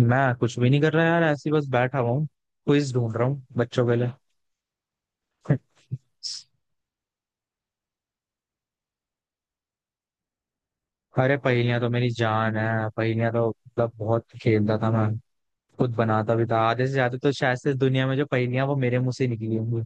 मैं कुछ भी नहीं कर रहा यार, ऐसे ही बस बैठा हुआ हूँ। क्विज ढूंढ रहा हूँ बच्चों के लिए। अरे पहेलियां तो मेरी जान है। पहेलियां तो मतलब बहुत खेलता था मैं, खुद बनाता भी था आधे से ज्यादा। तो शायद से दुनिया में जो पहेलियां वो मेरे मुंह से निकली होंगी।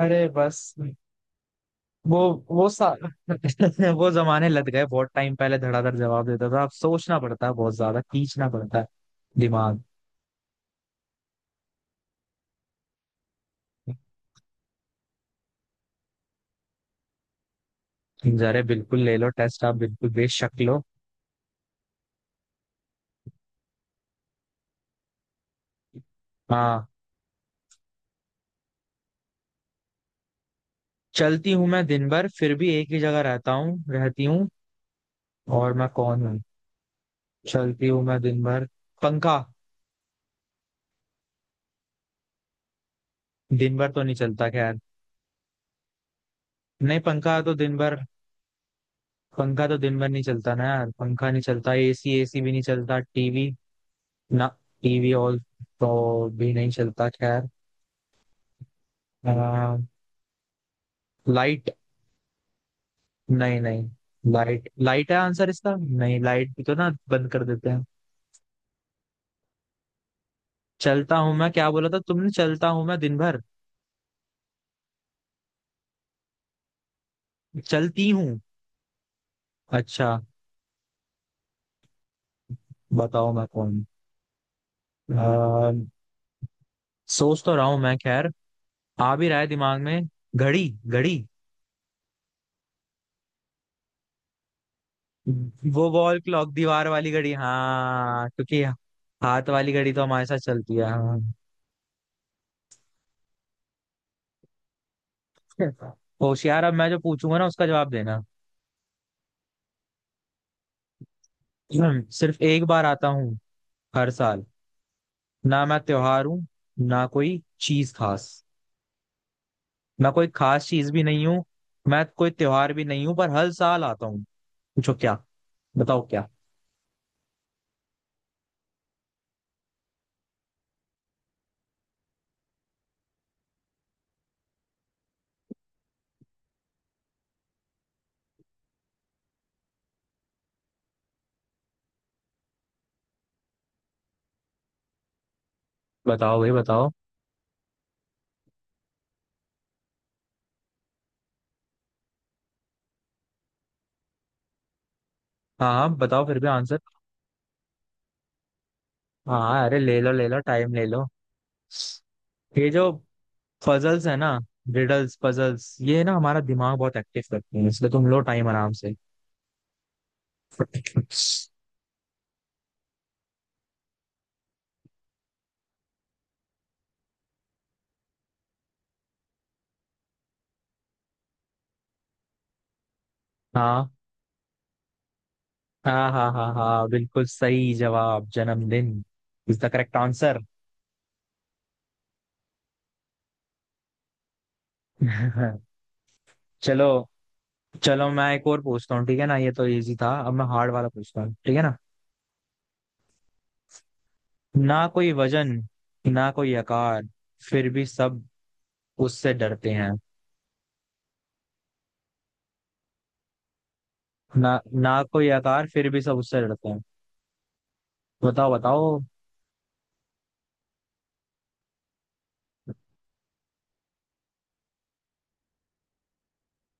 अरे बस। वो वो सा वो जमाने लग गए, बहुत टाइम पहले धड़ाधड़ जवाब देता था, अब सोचना पड़ता है, बहुत ज्यादा खींचना पड़ता है दिमाग। अरे बिल्कुल ले लो टेस्ट, आप बिल्कुल बेशक लो। हाँ। चलती हूँ मैं दिन भर, फिर भी एक ही जगह रहता हूँ रहती हूँ। और मैं कौन हूँ? चलती हूँ मैं दिन भर। पंखा। दिन भर तो नहीं चलता, खैर। नहीं, पंखा तो दिन भर। पंखा तो दिन भर नहीं चलता ना यार। पंखा नहीं चलता। एसी एसी भी नहीं चलता। टीवी ना। टीवी और तो भी नहीं चलता, खैर। लाइट। नहीं नहीं। लाइट लाइट है आंसर इसका, नहीं, लाइट भी तो ना बंद कर देते हैं। चलता हूँ मैं, क्या बोला था तुमने, चलता हूँ मैं दिन भर। चलती हूँ। अच्छा। बताओ मैं कौन हूँ? आ, सोच तो रहा हूँ मैं खैर। आ भी रहा है दिमाग में। घड़ी घड़ी। वो वॉल क्लॉक, दीवार वाली घड़ी, हाँ, क्योंकि हाथ वाली घड़ी तो हमारे साथ चलती है। हाँ। होशियार। अब मैं जो पूछूंगा ना उसका जवाब देना। सिर्फ एक बार आता हूँ हर साल। ना मैं त्योहार हूँ, ना कोई चीज खास। मैं कोई खास चीज भी नहीं हूँ। मैं कोई त्योहार भी नहीं हूँ पर हर साल आता हूँ। पूछो क्या। बताओ क्या। बताओ भाई बताओ। हाँ हाँ, बताओ फिर भी आंसर। हाँ, अरे ले लो ले लो, टाइम ले लो। ये जो पजल्स है ना, रिडल्स पजल्स, ये ना हमारा दिमाग बहुत एक्टिव करती है, इसलिए तुम लो टाइम आराम से। हाँ हाँ हाँ हाँ हाँ, बिल्कुल सही जवाब, जन्मदिन इज द करेक्ट आंसर। चलो। चलो मैं एक और पूछता हूँ, ठीक है ना, ये तो इजी था, अब मैं हार्ड वाला पूछता हूँ ठीक है ना। ना कोई वजन, ना कोई आकार, फिर भी सब उससे डरते हैं। ना ना कोई आकार, फिर भी सब उससे डरते हैं। बताओ बताओ।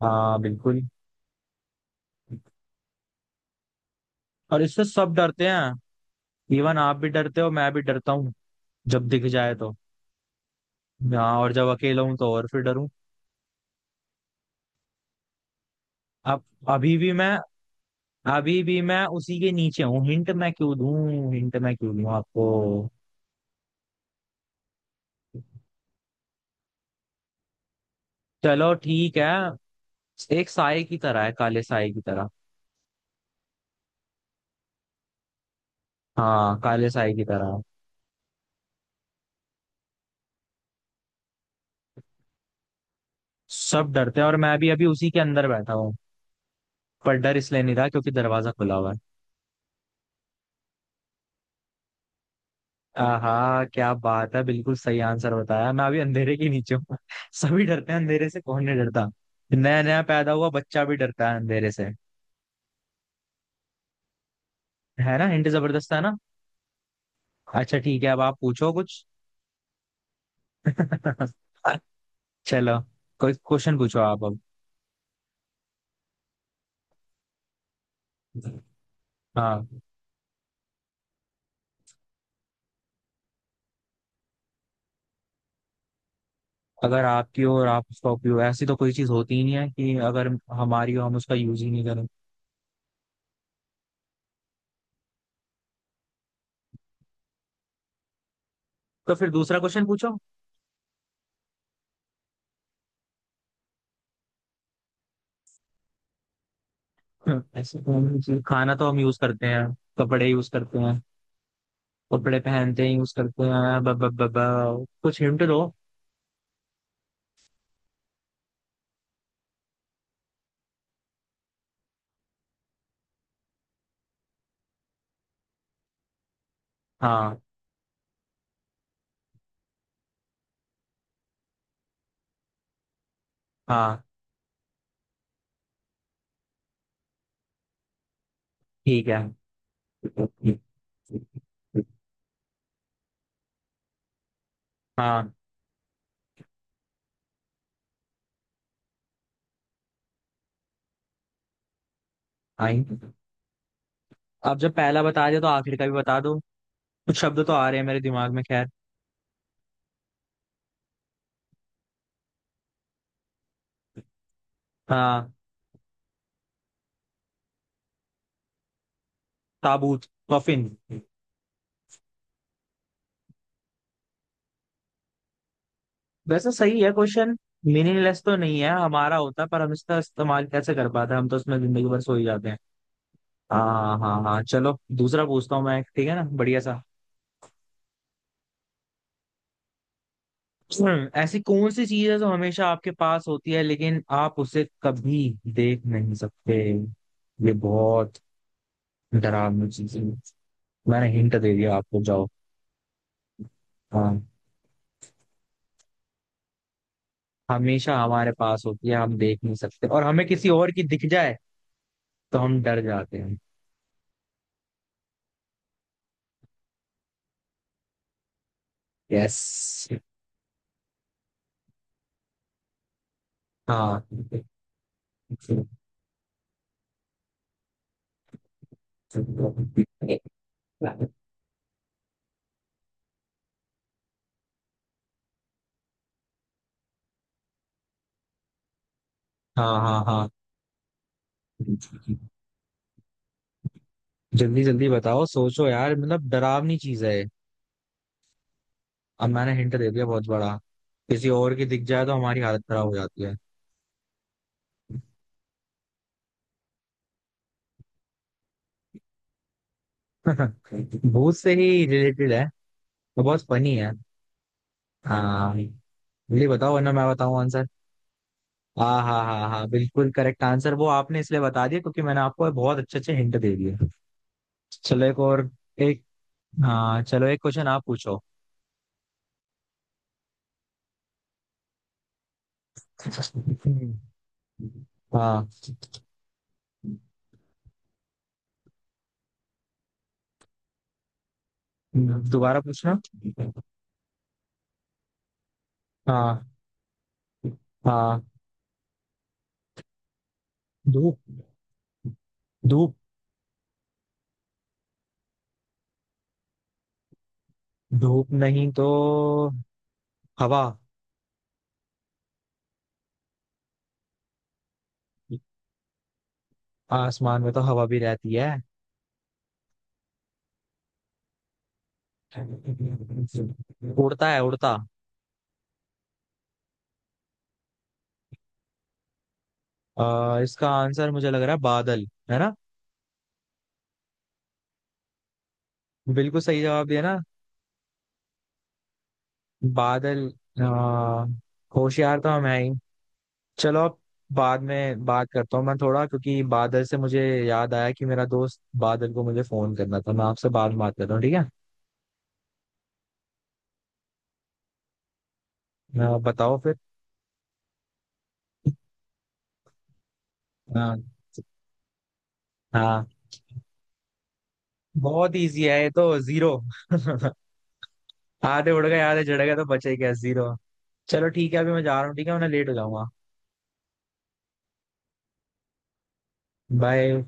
हाँ बिल्कुल। और इससे सब डरते हैं, इवन आप भी डरते हो, मैं भी डरता हूँ, जब दिख जाए तो। हाँ, और जब अकेला हूं तो और फिर डरूं। अब अभी भी मैं अभी भी मैं उसी के नीचे हूँ। हिंट मैं क्यों दूं, हिंट मैं क्यों दूं आपको। चलो ठीक है। एक साए की तरह है, काले साए की तरह। हाँ, काले साए की तरह है। सब डरते हैं, और मैं भी अभी उसी के अंदर बैठा हूँ, पर डर इसलिए नहीं रहा क्योंकि दरवाजा खुला हुआ है। हाँ, क्या बात है, बिल्कुल सही आंसर बताया। मैं अभी अंधेरे के नीचे हूँ। सभी डरते हैं अंधेरे से, कौन नहीं डरता। नया नया पैदा हुआ बच्चा भी डरता है अंधेरे से। है ना, हिंट जबरदस्त है ना। अच्छा ठीक है, अब आप पूछो कुछ। चलो, कोई क्वेश्चन पूछो आप अब। हाँ। अगर आपकी हो और आप उसका उपयोग, ऐसी तो कोई चीज होती ही नहीं है कि अगर हमारी हो हम उसका यूज ही नहीं करें। तो फिर दूसरा क्वेश्चन पूछो। ऐसे कौन सी चीज़- खाना तो हम यूज करते हैं, कपड़े यूज करते हैं, कपड़े पहनते हैं यूज करते हैं, ब, ब, ब, ब, कुछ हिंट दो। हाँ हाँ ठीक है हाँ। आई। अब जब पहला बता दिया तो आखिर का भी बता दो, कुछ शब्द तो आ रहे हैं मेरे दिमाग में खैर। हाँ। ताबूत। कफिन। वैसे सही है क्वेश्चन, मीनिंगलेस तो नहीं है, हमारा होता पर हम इसका इस्तेमाल कैसे कर पाते हैं, हम तो उसमें जिंदगी भर सो ही जाते हैं। हाँ हाँ हाँ, चलो दूसरा पूछता हूँ मैं एक, ठीक है ना, बढ़िया सा। ऐसी कौन सी चीज है जो हमेशा आपके पास होती है लेकिन आप उसे कभी देख नहीं सकते। ये बहुत डरावनी चीज है। मैंने हिंट दे दिया आपको, जाओ। हाँ, हमेशा हमारे पास होती है, हम देख नहीं सकते, और हमें किसी और की दिख जाए तो हम डर जाते हैं। यस। हाँ हाँ हाँ हाँ। जल्दी जल्दी बताओ, सोचो यार, मतलब डरावनी चीज है। अब मैंने हिंट दे दिया बहुत बड़ा, किसी और की दिख जाए तो हमारी हालत खराब हो जाती है। भूत से ही रिलेटेड है, तो बहुत फनी है। हाँ, ये बताओ वरना मैं बताऊं आंसर। हाँ हाँ हाँ हाँ, बिल्कुल करेक्ट आंसर, वो आपने इसलिए बता दिया क्योंकि मैंने आपको बहुत अच्छे अच्छे हिंट दे दिए। चलो एक और। एक। हाँ चलो एक क्वेश्चन आप पूछो। हाँ। दोबारा पूछना। हाँ हाँ। धूप धूप। धूप नहीं तो हवा। आसमान में तो हवा भी रहती है, उड़ता है उड़ता। इसका आंसर मुझे लग रहा है बादल, है ना। बिल्कुल सही जवाब दिया ना। बादल। आ, होशियार तो हम है ही। चलो अब बाद में बात करता हूँ मैं थोड़ा, क्योंकि बादल से मुझे याद आया कि मेरा दोस्त बादल को मुझे फोन करना था, मैं आपसे बाद में बात करता हूँ ठीक है। बताओ फिर। हाँ हाँ। बहुत इजी है ये तो, जीरो। आधे उड़ गए आधे चढ़ गए तो बचे क्या, जीरो। चलो ठीक है अभी मैं जा रहा हूँ, ठीक है, मैं लेट हो जाऊंगा। बाय।